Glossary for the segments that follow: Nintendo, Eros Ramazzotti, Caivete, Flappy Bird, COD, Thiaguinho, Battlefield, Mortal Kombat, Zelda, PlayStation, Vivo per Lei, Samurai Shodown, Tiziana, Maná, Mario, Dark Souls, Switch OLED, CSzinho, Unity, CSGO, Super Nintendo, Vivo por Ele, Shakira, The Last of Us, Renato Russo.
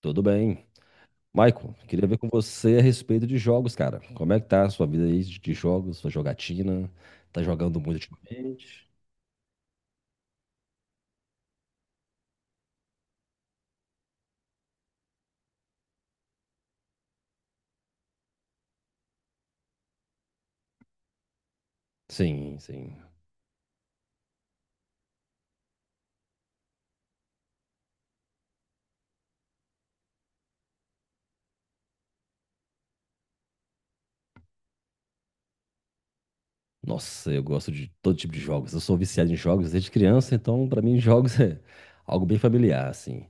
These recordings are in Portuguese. Tudo bem. Michael, queria ver com você a respeito de jogos, cara. Como é que tá a sua vida aí de jogos, sua jogatina? Tá jogando muito ultimamente? Sim, sim. Nossa, eu gosto de todo tipo de jogos. Eu sou viciado em jogos desde criança, então pra mim jogos é algo bem familiar, assim.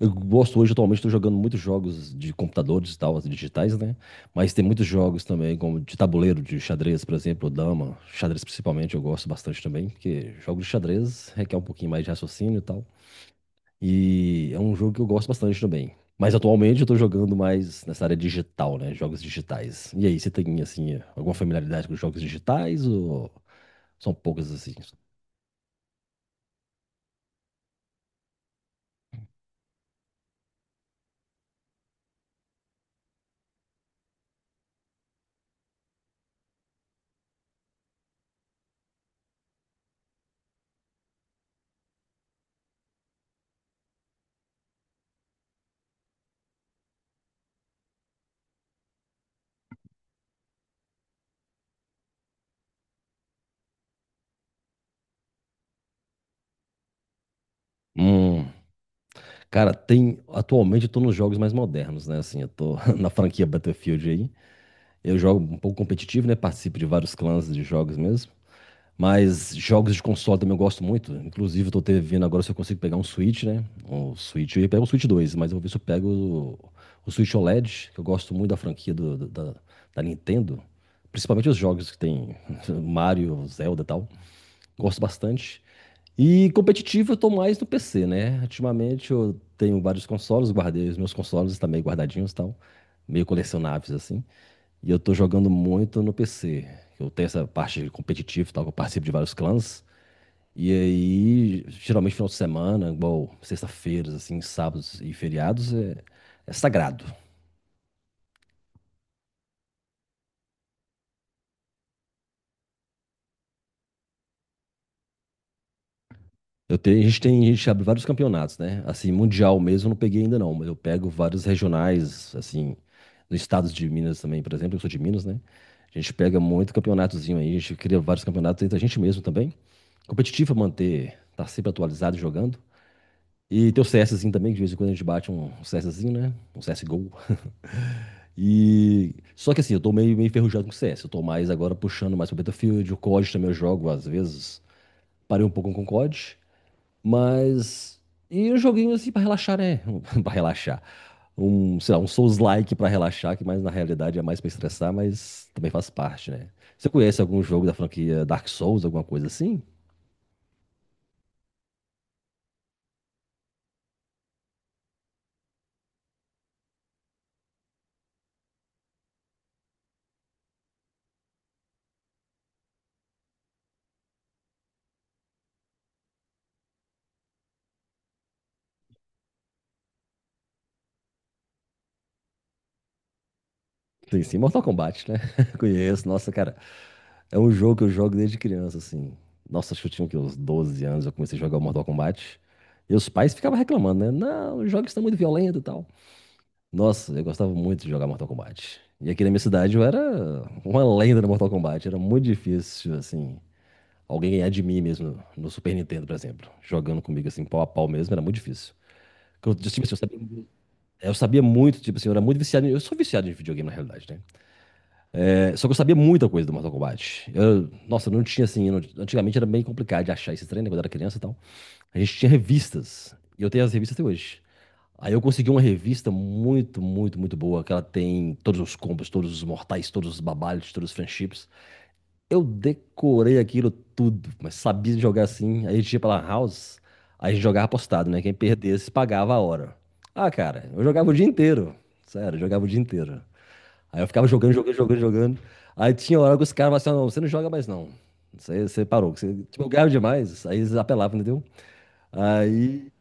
Eu gosto hoje, atualmente, estou jogando muitos jogos de computadores e tal, assim, digitais, né? Mas tem muitos jogos também, como de tabuleiro, de xadrez, por exemplo, dama. Xadrez principalmente, eu gosto bastante também, porque jogos de xadrez requer um pouquinho mais de raciocínio e tal. E é um jogo que eu gosto bastante também. Mas atualmente eu tô jogando mais nessa área digital, né? Jogos digitais. E aí, você tem, assim, alguma familiaridade com jogos digitais ou são poucas, assim? Hum, cara, tem. Atualmente eu tô nos jogos mais modernos, né? Assim, eu tô na franquia Battlefield aí. Eu jogo um pouco competitivo, né? Participo de vários clãs de jogos mesmo. Mas jogos de console também eu gosto muito. Inclusive, eu tô vendo agora se eu consigo pegar um Switch, né? Um Switch, eu ia pegar o Switch dois, mas eu vou ver se eu pego o Switch OLED, que eu gosto muito da franquia da Nintendo. Principalmente os jogos que tem Mario, Zelda e tal. Gosto bastante. E competitivo eu tô mais no PC, né? Ultimamente eu tenho vários consoles, guardei os meus consoles também guardadinhos e tal. Meio colecionáveis, assim. E eu tô jogando muito no PC. Eu tenho essa parte competitiva e tal, que eu participo de vários clãs. E aí, geralmente final de semana, igual sexta-feiras, assim, sábados e feriados, é sagrado. Eu tenho, a gente tem, a gente abre vários campeonatos, né? Assim, mundial mesmo eu não peguei ainda não, mas eu pego vários regionais, assim, no estado de Minas também, por exemplo, eu sou de Minas, né? A gente pega muito campeonatozinho aí, a gente cria vários campeonatos entre a gente mesmo também. Competitivo é manter, tá sempre atualizado e jogando. E tem o CSzinho também, que de vez em quando a gente bate um CSzinho, né? Um CSGO. Só que assim, eu tô meio enferrujado com o CS. Eu tô mais agora puxando mais pro Battlefield. O COD também eu jogo, às vezes. Parei um pouco com o COD. Mas. E um joguinho assim pra relaxar, né? pra relaxar. Um, sei lá, um Souls-like pra relaxar, que mais na realidade é mais pra estressar, mas também faz parte, né? Você conhece algum jogo da franquia Dark Souls, alguma coisa assim? Sim, sim, Mortal Kombat, né? Conheço, nossa, cara. É um jogo que eu jogo desde criança, assim. Nossa, acho que eu tinha o quê? Uns 12 anos, eu comecei a jogar o Mortal Kombat. E os pais ficavam reclamando, né? Não, os jogos estão muito violentos e tal. Nossa, eu gostava muito de jogar Mortal Kombat. E aqui na minha cidade eu era uma lenda no Mortal Kombat. Era muito difícil, assim, alguém ganhar de mim mesmo no Super Nintendo, por exemplo. Jogando comigo, assim, pau a pau mesmo, era muito difícil. Porque eu, tipo assim, eu sabia muito, tipo assim, eu era muito viciado. Eu sou viciado em videogame, na realidade, né? Só que eu sabia muita coisa do Mortal Kombat. Nossa, não tinha assim. Eu não- Antigamente era bem complicado de achar esse treino, né, quando eu era criança e tal. A gente tinha revistas. E eu tenho as revistas até hoje. Aí eu consegui uma revista muito, muito, muito boa, que ela tem todos os combos, todos os mortais, todos os babalhos, todos os friendships. Eu decorei aquilo tudo, mas sabia jogar assim. Aí a gente ia pra lan house, aí a gente jogava apostado, né? Quem perdesse pagava a hora. Ah, cara, eu jogava o dia inteiro. Sério, eu jogava o dia inteiro. Aí eu ficava jogando. Aí tinha hora que os caras falavam assim, "Ah, não, você não joga mais não. Você parou." Você, tipo, eu ganhava demais. Aí eles apelavam, entendeu? Aí,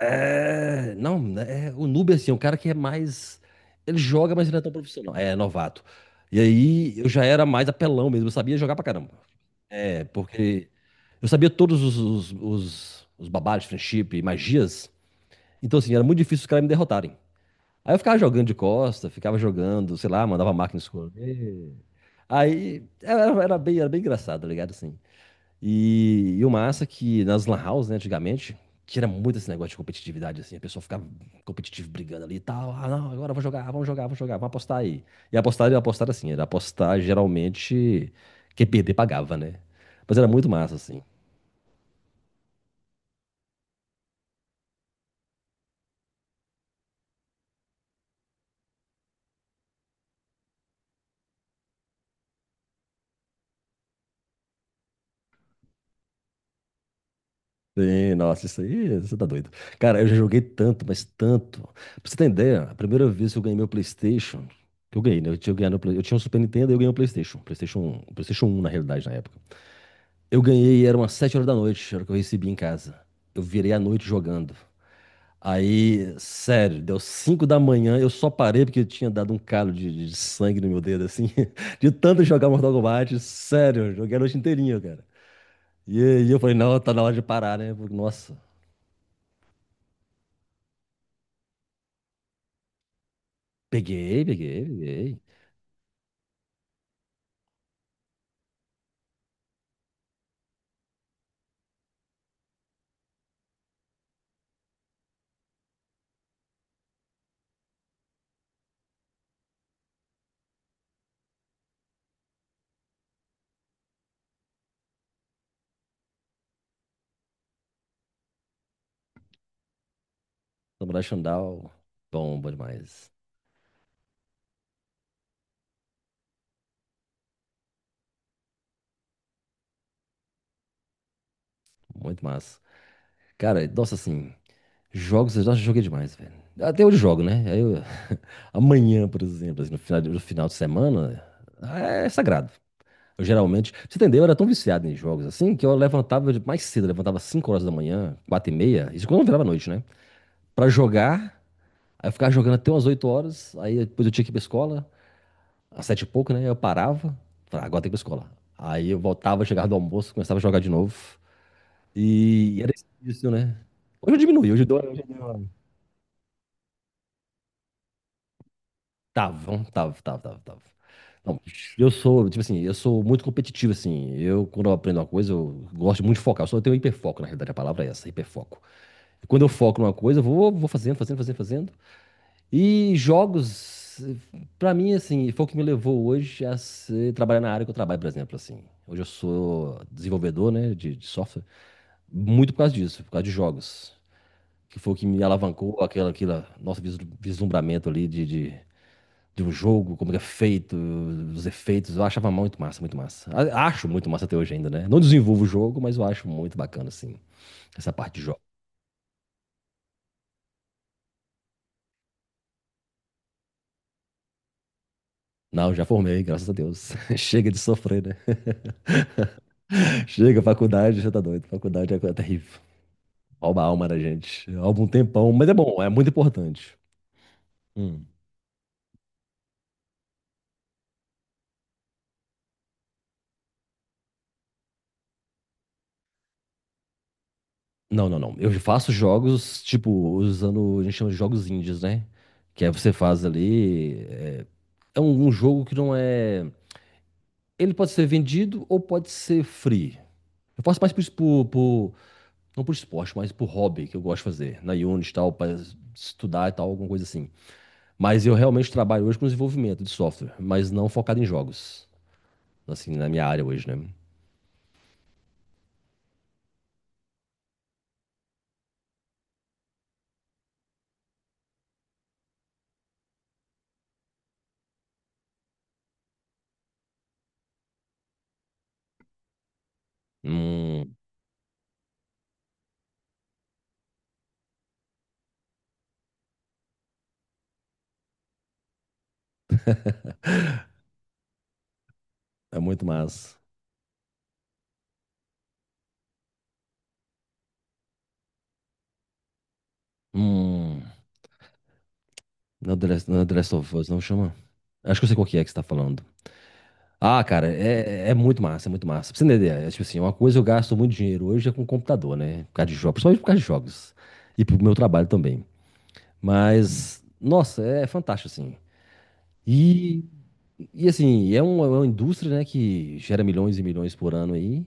é... Não, né, é, o noob, é assim, é um cara que é mais... Ele joga, mas ele não é tão profissional. É, novato. E aí eu já era mais apelão mesmo. Eu sabia jogar pra caramba. É, porque eu sabia todos os babados, friendship, magias. Então, assim, era muito difícil os caras me derrotarem. Aí eu ficava jogando de costa, ficava jogando, sei lá, mandava máquina escolher. Aí era bem engraçado, tá ligado? Assim. E o massa é que nas lan house, né, antigamente, tira muito esse negócio de competitividade, assim. A pessoa ficava competitiva brigando ali e tal. Ah, não, agora eu vou jogar, vamos jogar, vamos apostar aí. E apostar assim, era apostar geralmente quem perder pagava, né? Mas era muito massa, assim. Sim, nossa, isso aí, você tá doido. Cara, eu já joguei tanto, mas tanto. Pra você ter ideia, a primeira vez que eu ganhei meu PlayStation, que eu ganhei, né? Ganhado, eu tinha um Super Nintendo e eu ganhei um PlayStation. Um PlayStation um na realidade, na época. Eu ganhei, era umas 7 horas da noite, era o que eu recebi em casa. Eu virei à noite jogando. Aí, sério, deu 5 da manhã, eu só parei porque eu tinha dado um calo de sangue no meu dedo, assim, de tanto jogar Mortal Kombat, sério, eu joguei a noite inteirinha, cara. E aí eu falei, não, tá na hora de parar, né? Porque, nossa, peguei, peguei. Samurai Shodown, bom demais. Muito massa. Cara, nossa, assim, jogos eu já joguei demais, velho. Até hoje eu jogo, né? Amanhã, por exemplo, assim, no final de semana, é sagrado. Eu geralmente, pra você entendeu? Eu era tão viciado em jogos assim que eu levantava mais cedo, eu levantava 5 horas da manhã, 4 e meia, isso quando virava noite, né? Pra jogar, aí eu ficava jogando até umas 8 horas, aí depois eu tinha que ir pra escola. Às sete e pouco, né? Eu parava, falava, "Ah, agora tem que ir pra escola." Aí eu voltava, chegava do almoço, começava a jogar de novo. E era isso, né? Hoje eu diminui, hoje eu dou. Tava, tava. Não, eu sou, tipo assim, eu sou muito competitivo, assim. Eu, quando eu aprendo uma coisa, eu gosto muito de focar. Eu só tenho hiperfoco, na realidade, a palavra é essa, hiperfoco. E quando eu foco numa coisa, eu vou, fazendo. E jogos, pra mim, assim, foi o que me levou hoje a trabalhar na área que eu trabalho, por exemplo, assim. Hoje eu sou desenvolvedor, né, de software, muito por causa disso, por causa de jogos, que foi o que me alavancou aquela, aquela nosso vislumbramento ali de um jogo, como que é feito, os efeitos, eu achava muito massa, muito massa. Acho muito massa até hoje ainda, né? Não desenvolvo o jogo, mas eu acho muito bacana, assim, essa parte de jogo. Não, já formei, graças a Deus. Chega de sofrer, né? Chega, faculdade, já tá doido. Faculdade é coisa terrível. Rouba a alma da gente. Há algum tempão, mas é bom, é muito importante. Hum. Não. Eu faço jogos, tipo, usando, a gente chama de jogos indies, né? Que é você faz ali. É é um, um jogo que não é. Ele pode ser vendido ou pode ser free. Eu faço mais por, por, não por esporte, mas por hobby que eu gosto de fazer. Na Unity e tal, para estudar e tal, alguma coisa assim. Mas eu realmente trabalho hoje com desenvolvimento de software, mas não focado em jogos. Assim, na minha área hoje, né? Hum. É muito massa. Hum. Não é The Last, não é The Last of Us, não chama? Acho que eu sei qual que é que você tá falando. Ah, cara, é, é muito massa, é muito massa. Pra você entender, é tipo assim, uma coisa eu gasto muito dinheiro hoje é com computador, né? Por causa de jogos, principalmente por causa de jogos. E pro meu trabalho também. Mas, nossa, é fantástico, assim. E, e assim, é uma indústria, né, que gera milhões e milhões por ano aí.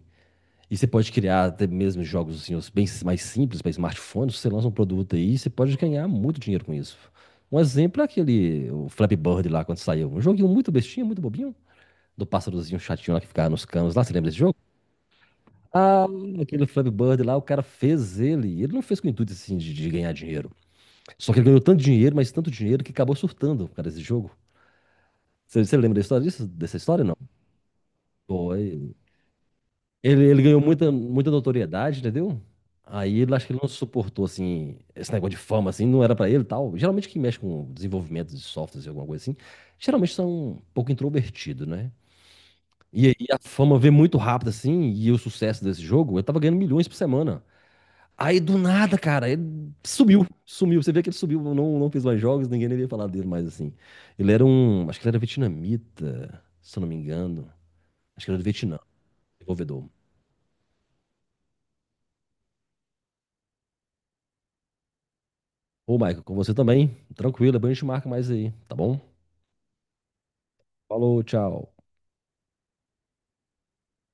E você pode criar até mesmo jogos assim, os bem mais simples para smartphone. Se você lança um produto aí, você pode ganhar muito dinheiro com isso. Um exemplo é aquele o Flappy Bird lá quando saiu. Um joguinho muito bestinho, muito bobinho. Do pásssarozinho chatinho lá que ficava nos canos lá. Você lembra desse jogo? Ah, aquele Flappy Bird lá, o cara fez ele. Ele não fez com o intuito assim de ganhar dinheiro. Só que ele ganhou tanto dinheiro, mas tanto dinheiro que acabou surtando por causa desse jogo. Você lembra da história disso? Dessa história, não? Pô, ele ganhou muita notoriedade, entendeu? Aí ele acho que ele não suportou, assim, esse negócio de fama, assim, não era pra ele e tal. Geralmente quem mexe com desenvolvimento de softwares e alguma coisa assim, geralmente são um pouco introvertido, né? E aí a fama veio muito rápido, assim, e o sucesso desse jogo, eu tava ganhando milhões por semana. Aí do nada, cara, ele sumiu, sumiu. Você vê que ele sumiu, não, não fez mais jogos, ninguém nem ia falar dele mais, assim. Ele era um, acho que ele era vietnamita, se eu não me engano. Acho que ele era do Vietnã, desenvolvedor. Ô, Michael, com você também. Tranquilo, depois a gente marca mais aí, tá bom? Falou, tchau.